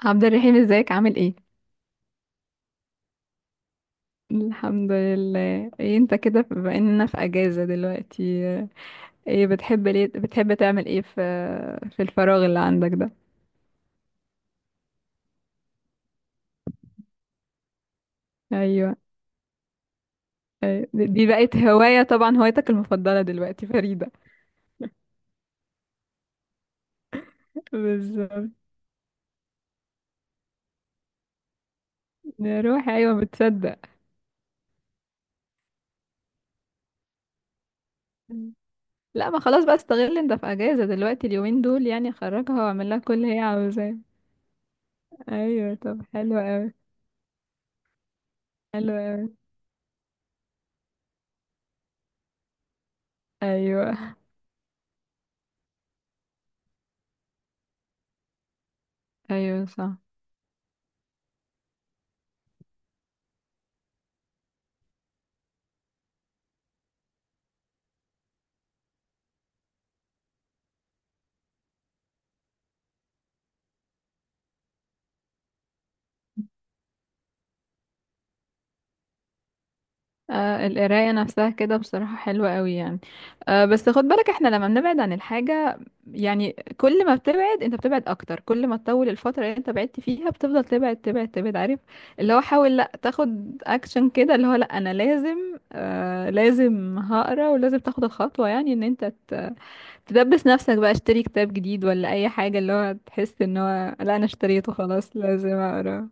عبد الرحيم، ازيك؟ عامل ايه؟ الحمد لله. ايه انت كده بما اننا في اجازة دلوقتي؟ ايه بتحب، ليه بتحب تعمل ايه في الفراغ اللي عندك ده؟ ايوه. ايوه، دي بقت هواية طبعا، هوايتك المفضلة دلوقتي فريدة. بالظبط. نروح، ايوه، بتصدق. لا، ما خلاص بقى، استغل انت في اجازة دلوقتي اليومين دول، يعني خرجها واعمل لها كل اللي هي عاوزاه. ايوه، طب حلو قوي. حلو قوي. ايوه ايوه صح. آه، القراية نفسها كده بصراحة حلوة قوي يعني. آه، بس خد بالك، احنا لما بنبعد عن الحاجة يعني، كل ما بتبعد انت بتبعد اكتر، كل ما تطول الفترة اللي انت بعدت فيها بتفضل تبعد تبعد تبعد. عارف؟ اللي هو حاول، لا تاخد اكشن كده، اللي هو لا انا لازم، آه لازم هقرا، ولازم تاخد الخطوة، يعني ان انت تدبس نفسك بقى، اشتري كتاب جديد ولا اي حاجة، اللي هو تحس ان هو لا انا اشتريته خلاص لازم اقرا.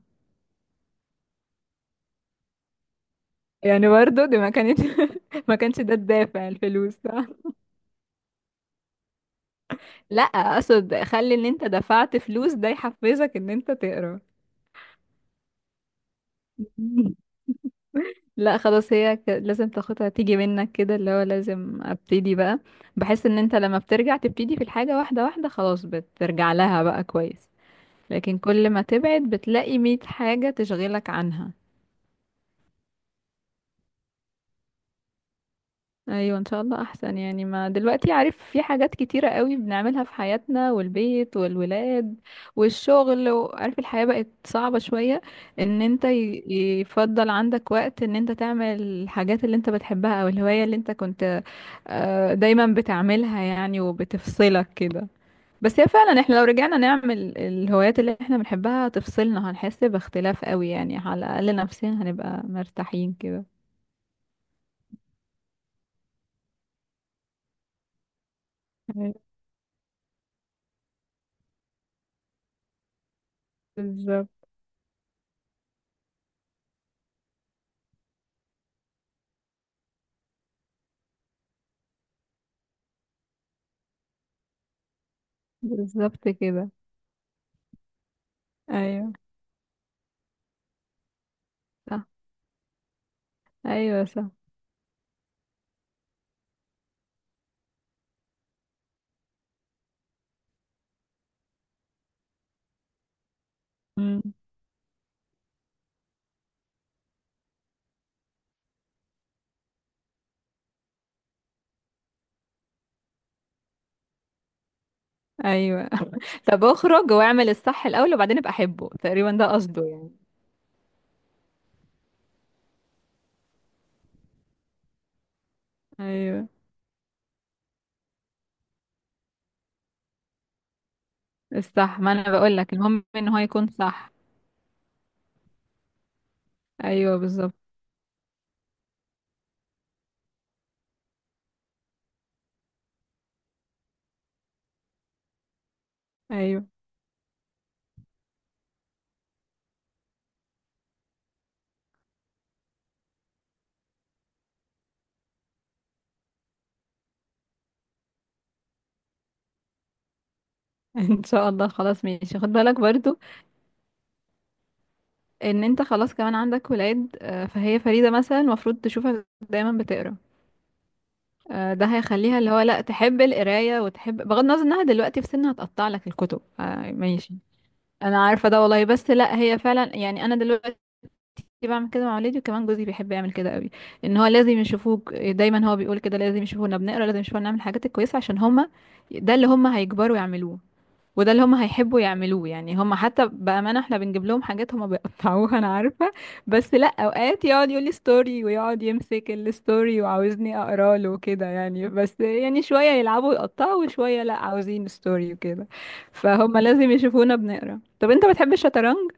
يعني برضه دي ما كانت، ما كانش ده الدافع الفلوس؟ لا، اقصد خلي ان انت دفعت فلوس ده يحفزك ان انت تقرا. مم. لا، خلاص هي لازم تاخدها تيجي منك كده، اللي هو لازم ابتدي بقى. بحس ان انت لما بترجع تبتدي في الحاجة واحدة واحدة خلاص بترجع لها بقى كويس. لكن كل ما تبعد بتلاقي مية حاجة تشغلك عنها. ايوه، ان شاء الله احسن، يعني ما دلوقتي عارف في حاجات كتيرة قوي بنعملها في حياتنا والبيت والولاد والشغل، وعارف الحياة بقت صعبة شوية. ان انت يفضل عندك وقت ان انت تعمل الحاجات اللي انت بتحبها او الهواية اللي انت كنت دايما بتعملها يعني وبتفصلك كده. بس هي فعلا احنا لو رجعنا نعمل الهوايات اللي احنا بنحبها هتفصلنا، هنحس باختلاف قوي يعني، على الاقل نفسيا هنبقى مرتاحين كده. أيوة، بالظبط. بالظبط كده. ايوه صح. ايوه صح. امم. ايوه. طب اخرج واعمل الصح الاول وبعدين ابقى احبه، تقريبا ده قصده يعني. ايوه، الصح، ما انا بقول لك المهم ان هو يكون صح. ايوه بالظبط. ايوه. ان شاء الله. خلاص ماشي. خد بالك برضو ان انت خلاص كمان عندك ولاد، فهي فريدة مثلا المفروض تشوفك دايما بتقرا. ده هيخليها اللي هو لا تحب القرايه وتحب بغض النظر انها دلوقتي في سنها هتقطع لك الكتب. آه، ماشي. انا عارفه ده والله، بس لا هي فعلا يعني. انا دلوقتي كنت بعمل كده مع ولادي، وكمان جوزي بيحب يعمل كده قوي. ان هو لازم يشوفوك دايما، هو بيقول كده لازم يشوفونا بنقرا، لازم يشوفونا نعمل الحاجات الكويسه عشان هما ده اللي هما هيكبروا يعملوه وده اللي هما هيحبوا يعملوه. يعني هما حتى بامانه احنا بنجيب لهم حاجات هما بيقطعوها، انا عارفه. بس لا اوقات يقعد يقول لي ستوري، ويقعد يمسك الستوري وعاوزني اقرا له كده يعني. بس يعني شويه يلعبوا يقطعوا وشويه لا عاوزين ستوري وكده. فهما لازم يشوفونا بنقرا. طب انت بتحب الشطرنج؟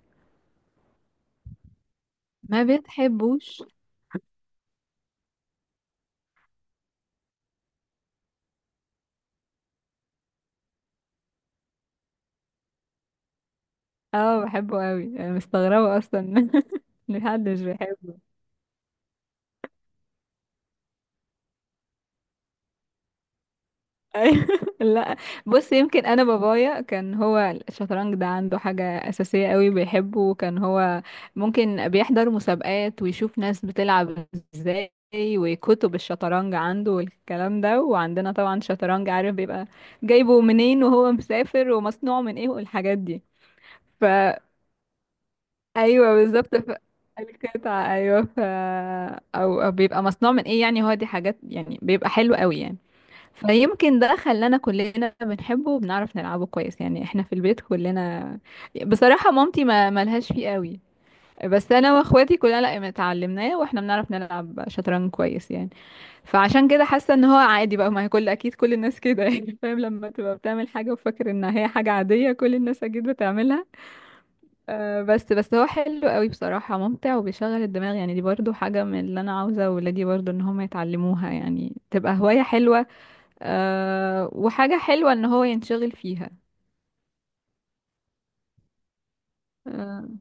ما بتحبوش؟ اه، بحبه قوي، انا مستغربه اصلا ان حد مش بيحبه. أيوة. لا، بص يمكن انا بابايا كان هو الشطرنج ده عنده حاجه اساسيه قوي بيحبه، وكان هو ممكن بيحضر مسابقات ويشوف ناس بتلعب ازاي، وكتب الشطرنج عنده والكلام ده، وعندنا طبعا شطرنج عارف بيبقى جايبه منين وهو مسافر ومصنوع من ايه والحاجات دي. ايوه بالظبط، القطعة، ايوه، او بيبقى مصنوع من ايه يعني، هو دي حاجات يعني بيبقى حلو قوي يعني. فيمكن ده خلانا كلنا بنحبه وبنعرف نلعبه كويس يعني، احنا في البيت كلنا بصراحة. مامتي ما ملهاش فيه قوي، بس انا واخواتي كلنا لا اتعلمناه، واحنا بنعرف نلعب شطرنج كويس يعني. فعشان كده حاسة ان هو عادي بقى، ما هي كل، اكيد كل الناس كده يعني. فاهم؟ لما تبقى بتعمل حاجة وفاكر انها هي حاجة عادية كل الناس اكيد بتعملها. آه، بس هو حلو قوي بصراحة، ممتع وبيشغل الدماغ يعني، دي برضو حاجة من اللي أنا عاوزة ولادي برضو إن هم يتعلموها يعني، تبقى هواية حلوة. أه، وحاجة حلوة إن هو ينشغل فيها. أه،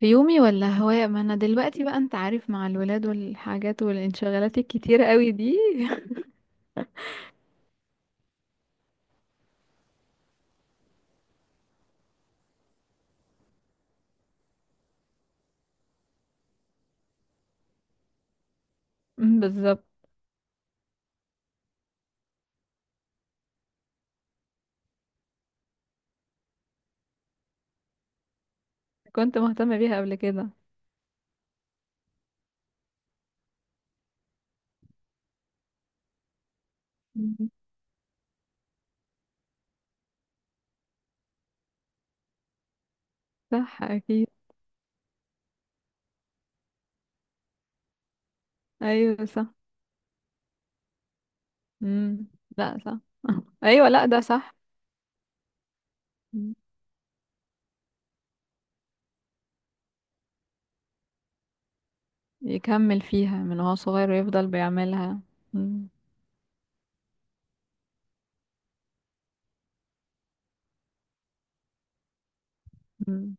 في يومي ولا هواية، ما أنا دلوقتي بقى أنت عارف مع الولاد والحاجات والانشغالات الكتيرة قوي دي. مم، بالظبط. كنت مهتمة بيها قبل كده. مم. صح أكيد. أيوة صح. مم. لا صح. أيوة، لا ده صح. يكمل فيها من هو صغير ويفضل بيعملها. مم. مم.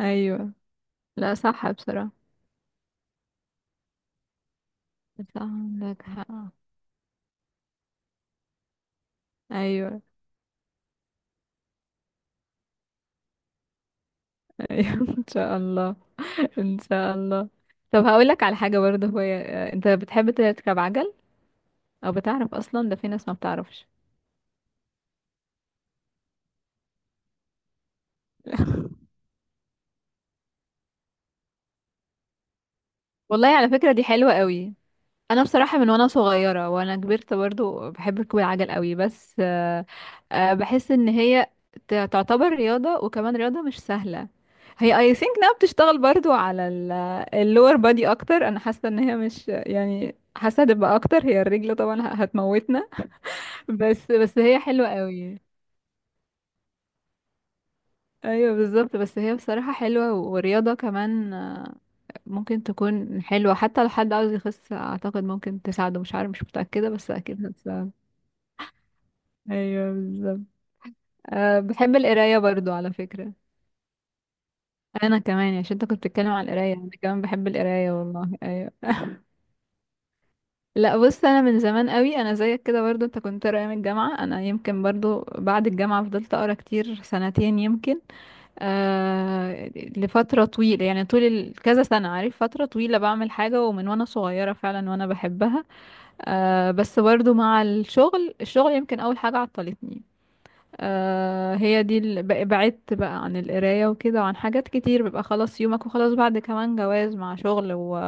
ايوه، لا صح بصراحة. صح، عندك حق. ايوه. ايوه. ان شاء الله. ان شاء الله. طب هقول لك على حاجة برضه، هو انت بتحب تركب عجل؟ او بتعرف اصلا، ده في ناس ما بتعرفش. والله على فكرة دي حلوة قوي. انا بصراحه من وانا صغيره وانا كبرت برضو بحب ركوب العجل قوي، بس بحس ان هي تعتبر رياضه، وكمان رياضه مش سهله. هي اي ثينك انها بتشتغل برضو على اللور بادي اكتر، انا حاسه ان هي مش يعني، حاسه هتبقى اكتر، هي الرجل طبعا هتموتنا. بس هي حلوه قوي. ايوه بالظبط، بس هي بصراحه حلوه ورياضه كمان، ممكن تكون حلوه حتى لو حد عاوز يخس، اعتقد ممكن تساعده، مش عارف، مش متاكده بس اكيد هتساعده. ايوه بالظبط. أه، بحب القرايه برضو على فكره. انا كمان يعني، عشان انت كنت بتتكلم على القرايه انا كمان بحب القرايه والله، ايوه. لا بص انا من زمان قوي، انا زيك كده برضو، انت كنت قارئ من الجامعه، انا يمكن برضو بعد الجامعه فضلت اقرا كتير سنتين يمكن. آه، لفتره طويله يعني، طول كذا سنه عارف، فتره طويله بعمل حاجه، ومن وانا صغيره فعلا وانا بحبها. آه، بس برضو مع الشغل يمكن اول حاجه عطلتني. آه، هي دي بعدت بقى عن القراية وكده وعن حاجات كتير، بيبقى خلاص يومك، وخلاص بعد كمان جواز مع شغل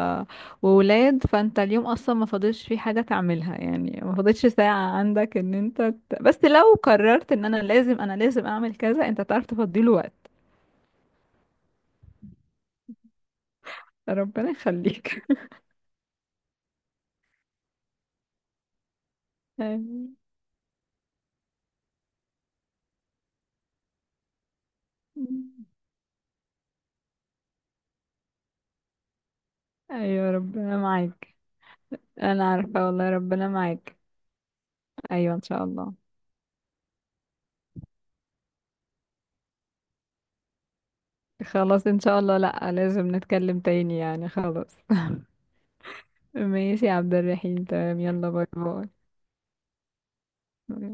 وولاد، فانت اليوم اصلا ما فاضلش فيه حاجة تعملها يعني، ما فاضلش ساعة عندك ان انت بس لو قررت ان انا لازم اعمل كذا، انت تعرف تفضيله وقت. ربنا يخليك. آمين. ايوه ربنا معاك. انا عارفة والله، ربنا معاك. ايوه ان شاء الله. خلاص ان شاء الله، لا لازم نتكلم تاني يعني، خلاص. ماشي يا عبد الرحيم، تمام، يلا باي. باي.